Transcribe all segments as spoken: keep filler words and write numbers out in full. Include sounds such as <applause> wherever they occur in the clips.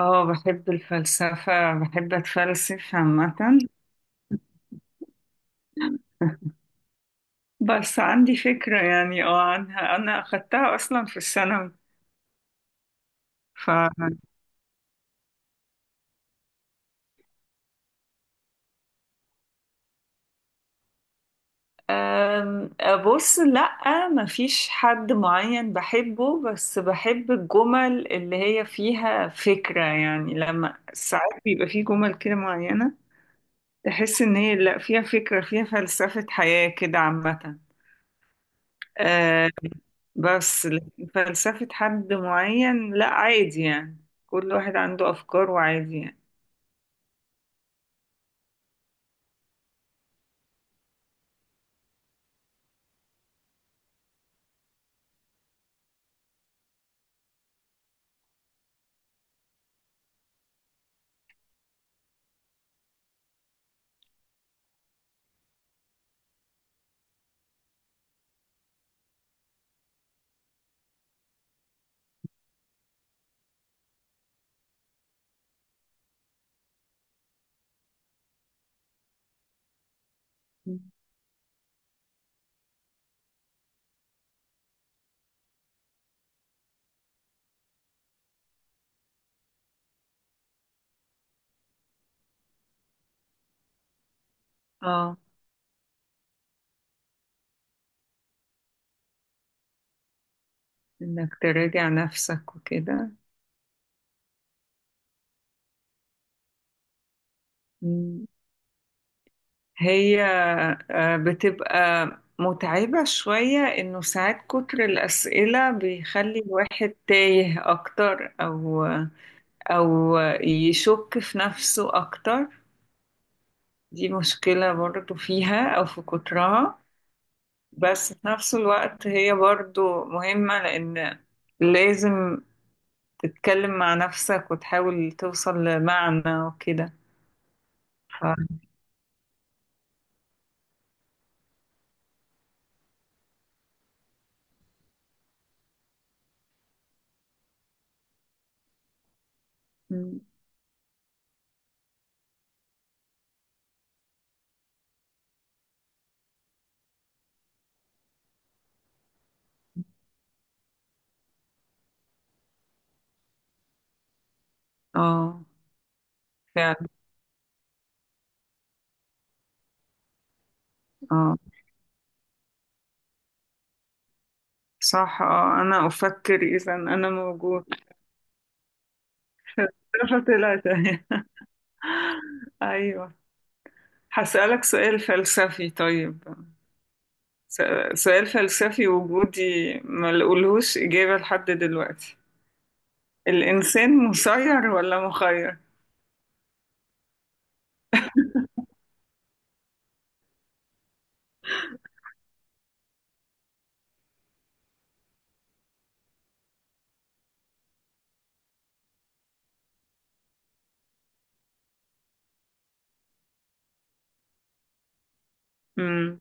اه، بحب الفلسفة، بحب اتفلسف عامة. بس عندي فكرة يعني اه عنها، انا اخدتها اصلا في الثانوي. ف أم، بص، لأ مفيش حد معين بحبه، بس بحب الجمل اللي هي فيها فكرة. يعني لما ساعات بيبقى فيه جمل كده معينة تحس ان هي لأ فيها فكرة، فيها فلسفة حياة كده عامة. بس لكن فلسفة حد معين لا، عادي يعني. كل واحد عنده أفكار وعادي يعني. اه، إنك تراجع نفسك وكده. مم. هي آه، بتبقى متعبة شوية، إنه ساعات كتر الأسئلة بيخلي الواحد تايه أكتر، أو أو يشك في نفسه أكتر. دي مشكلة برضو فيها أو في كترها، بس في نفس الوقت هي برضو مهمة، لأن لازم تتكلم مع نفسك وتحاول توصل لمعنى وكده. ف... مم. اه، فعلا. اه، صح. اه، أنا أفكر إذا أنا موجود. ثلاثة ثلاثة. <laughs> أيوة. هسألك سؤال فلسفي طيب. س- سؤال فلسفي وجودي ما لقولهوش إجابة لحد دلوقتي. الإنسان مسير ولا مخير؟ امم.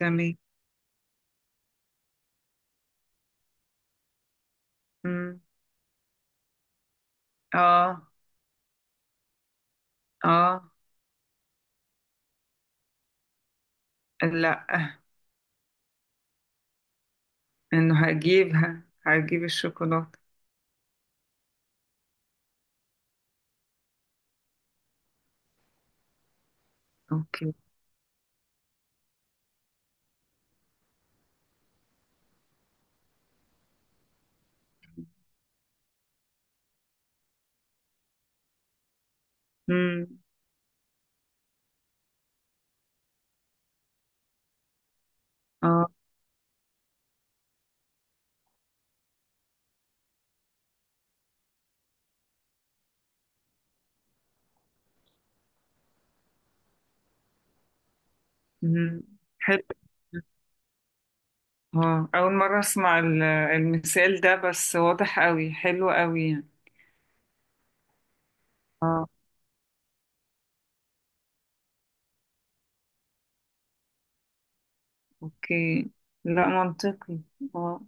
تمام. مم. اه. اه. لا. انه هجيبها هجيب الشوكولاتة. اوكي. امم. اه. امم. حلو. اه، اول مرة اسمع ال- المثال ده، بس واضح قوي، حلو قوي يعني. اه. اوكي. لا، منطقي. اه،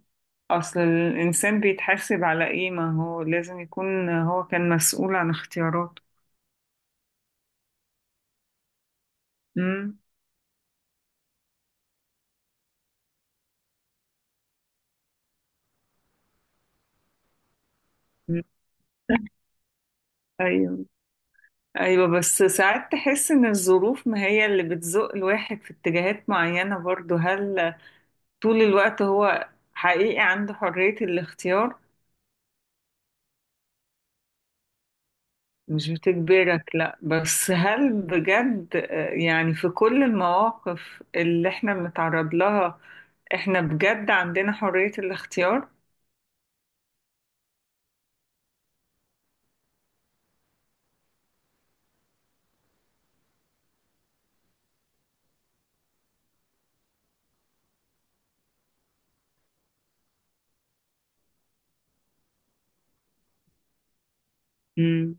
اصل الانسان بيتحاسب على ايه؟ ما هو لازم يكون هو كان مسؤول عن اختياراته. امم. <laughs> أيوة. ايوه، بس ساعات تحس ان الظروف ما هي اللي بتزق الواحد في اتجاهات معينة برضو. هل طول الوقت هو حقيقي عنده حرية الاختيار؟ مش بتجبرك لا، بس هل بجد آه، يعني في كل المواقف اللي احنا بنتعرض لها احنا بجد عندنا حرية الاختيار؟ مم.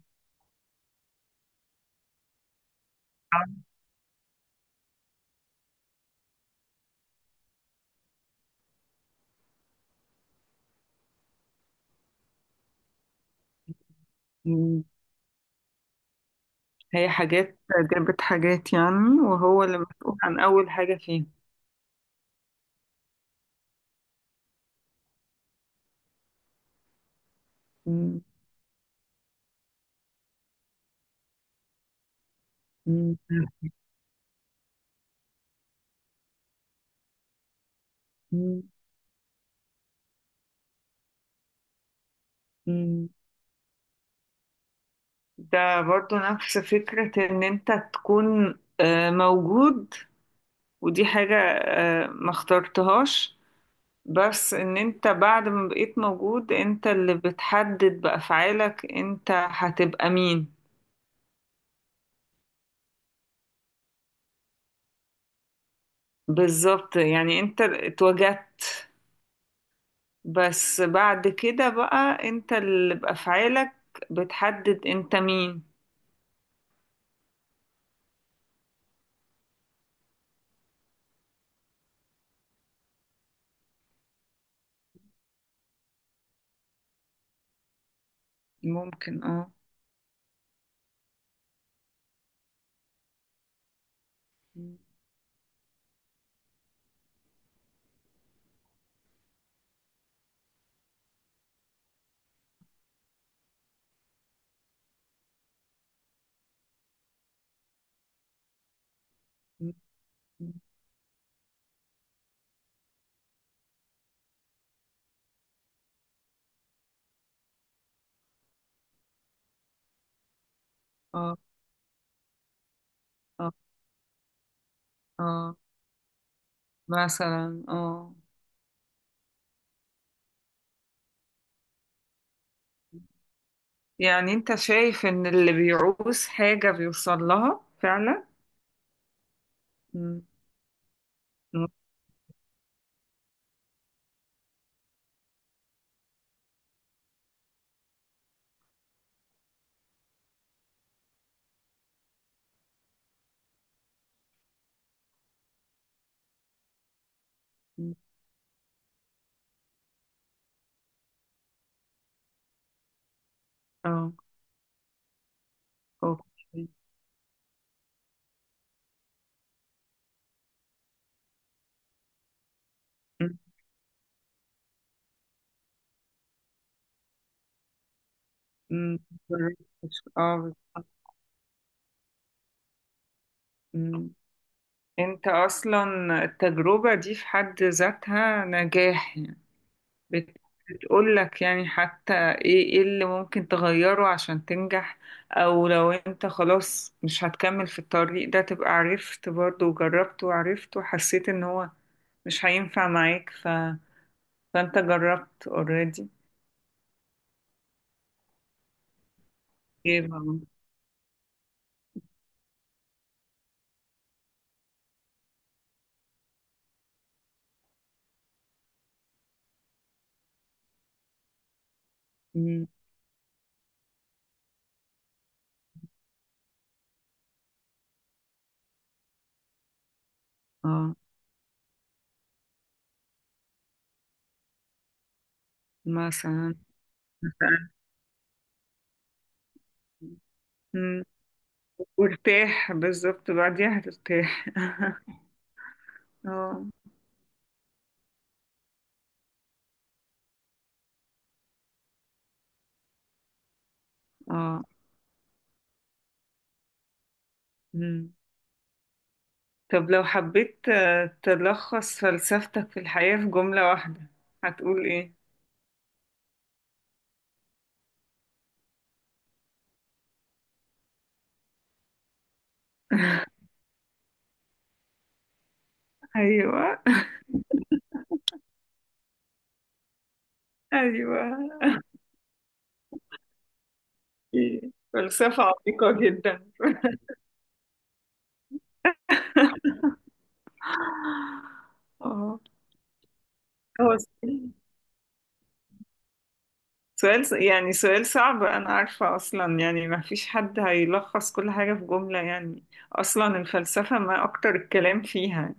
مم. هي حاجات جابت حاجات يعني، وهو اللي مسؤول عن اول حاجة فيها. مم. مم. مم. مم. ده برضو نفس فكرة ان انت تكون آه، موجود، ودي حاجة آه، ما اخترتهاش، بس ان انت بعد ما بقيت موجود انت اللي بتحدد بأفعالك انت هتبقى مين. بالظبط، يعني انت اتوجدت، بس بعد كده بقى انت اللي بأفعالك بتحدد انت مين. ممكن، اه. اه. اه. اه، مثلا. اه، يعني انت شايف ان اللي بيعوز حاجة بيوصل لها فعلا؟ مم. مم. اه، اوكي. مم. مم. مش- اه، بالظبط. مم. انت اصلا التجربة دي في حد ذاتها نجاح يعني. بت- بتقول لك يعني حتى ايه ايه اللي ممكن تغيره عشان تنجح، او لو انت خلاص مش هتكمل في الطريق ده تبقى عرفت برضه، وجربت وعرفت وحسيت ان هو مش هينفع معاك، فانت جربت اوريدي. ايه بقى. مم. اه. مثلا. مم. وارتاح، بالظبط، بعديها هترتاح. <laughs> اه. اه. مم. طب لو حبيت آه، تلخص فلسفتك في الحياة في جملة واحدة، هتقول ايه؟ ايوه. <laughs> ايوه. إيه. فلسفة عميقة جدا. <laughs> اه. هو سؤال ص- يعني سؤال صعب، أنا عارفة أصلا يعني ما فيش حد هيلخص كل حاجة في جملة يعني. أصلا الفلسفة ما أكتر الكلام فيها.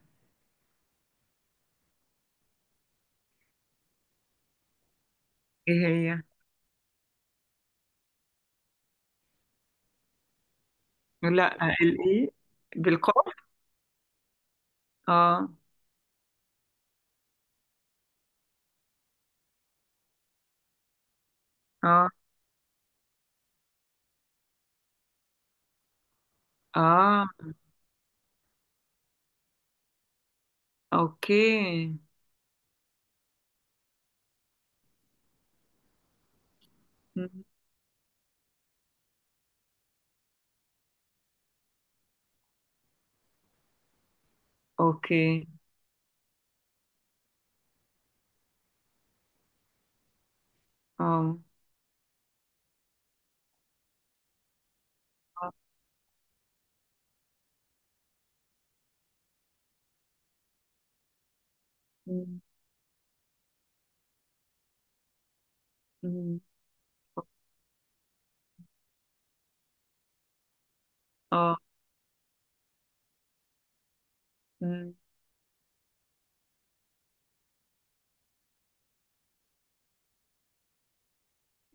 إيه هي؟ لا، الإيه؟ بالقاف؟ آه. آه. آه. أوكي. مم. أوكي. آه. آه. مم. مم. آه. مم.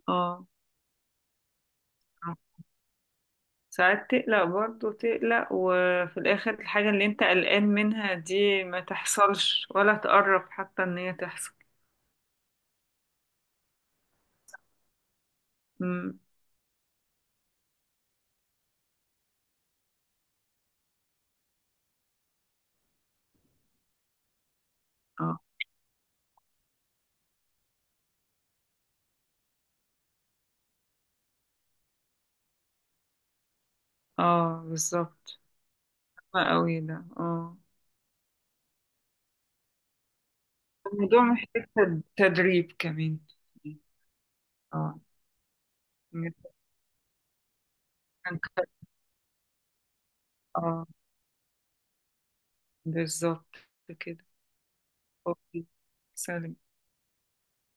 آه. آه. ساعات تقلق برضه، تقلق وفي الآخر الحاجة اللي أنت قلقان منها دي ما تحصلش، ولا تقرب حتى إن هي تحصل. مم. اه. اه، بالظبط. صعب قوي ده، اه. الموضوع محتاج تد- تدريب كمان. اه. إنك تكون- اه، بالظبط. كده. اوكي. سلام.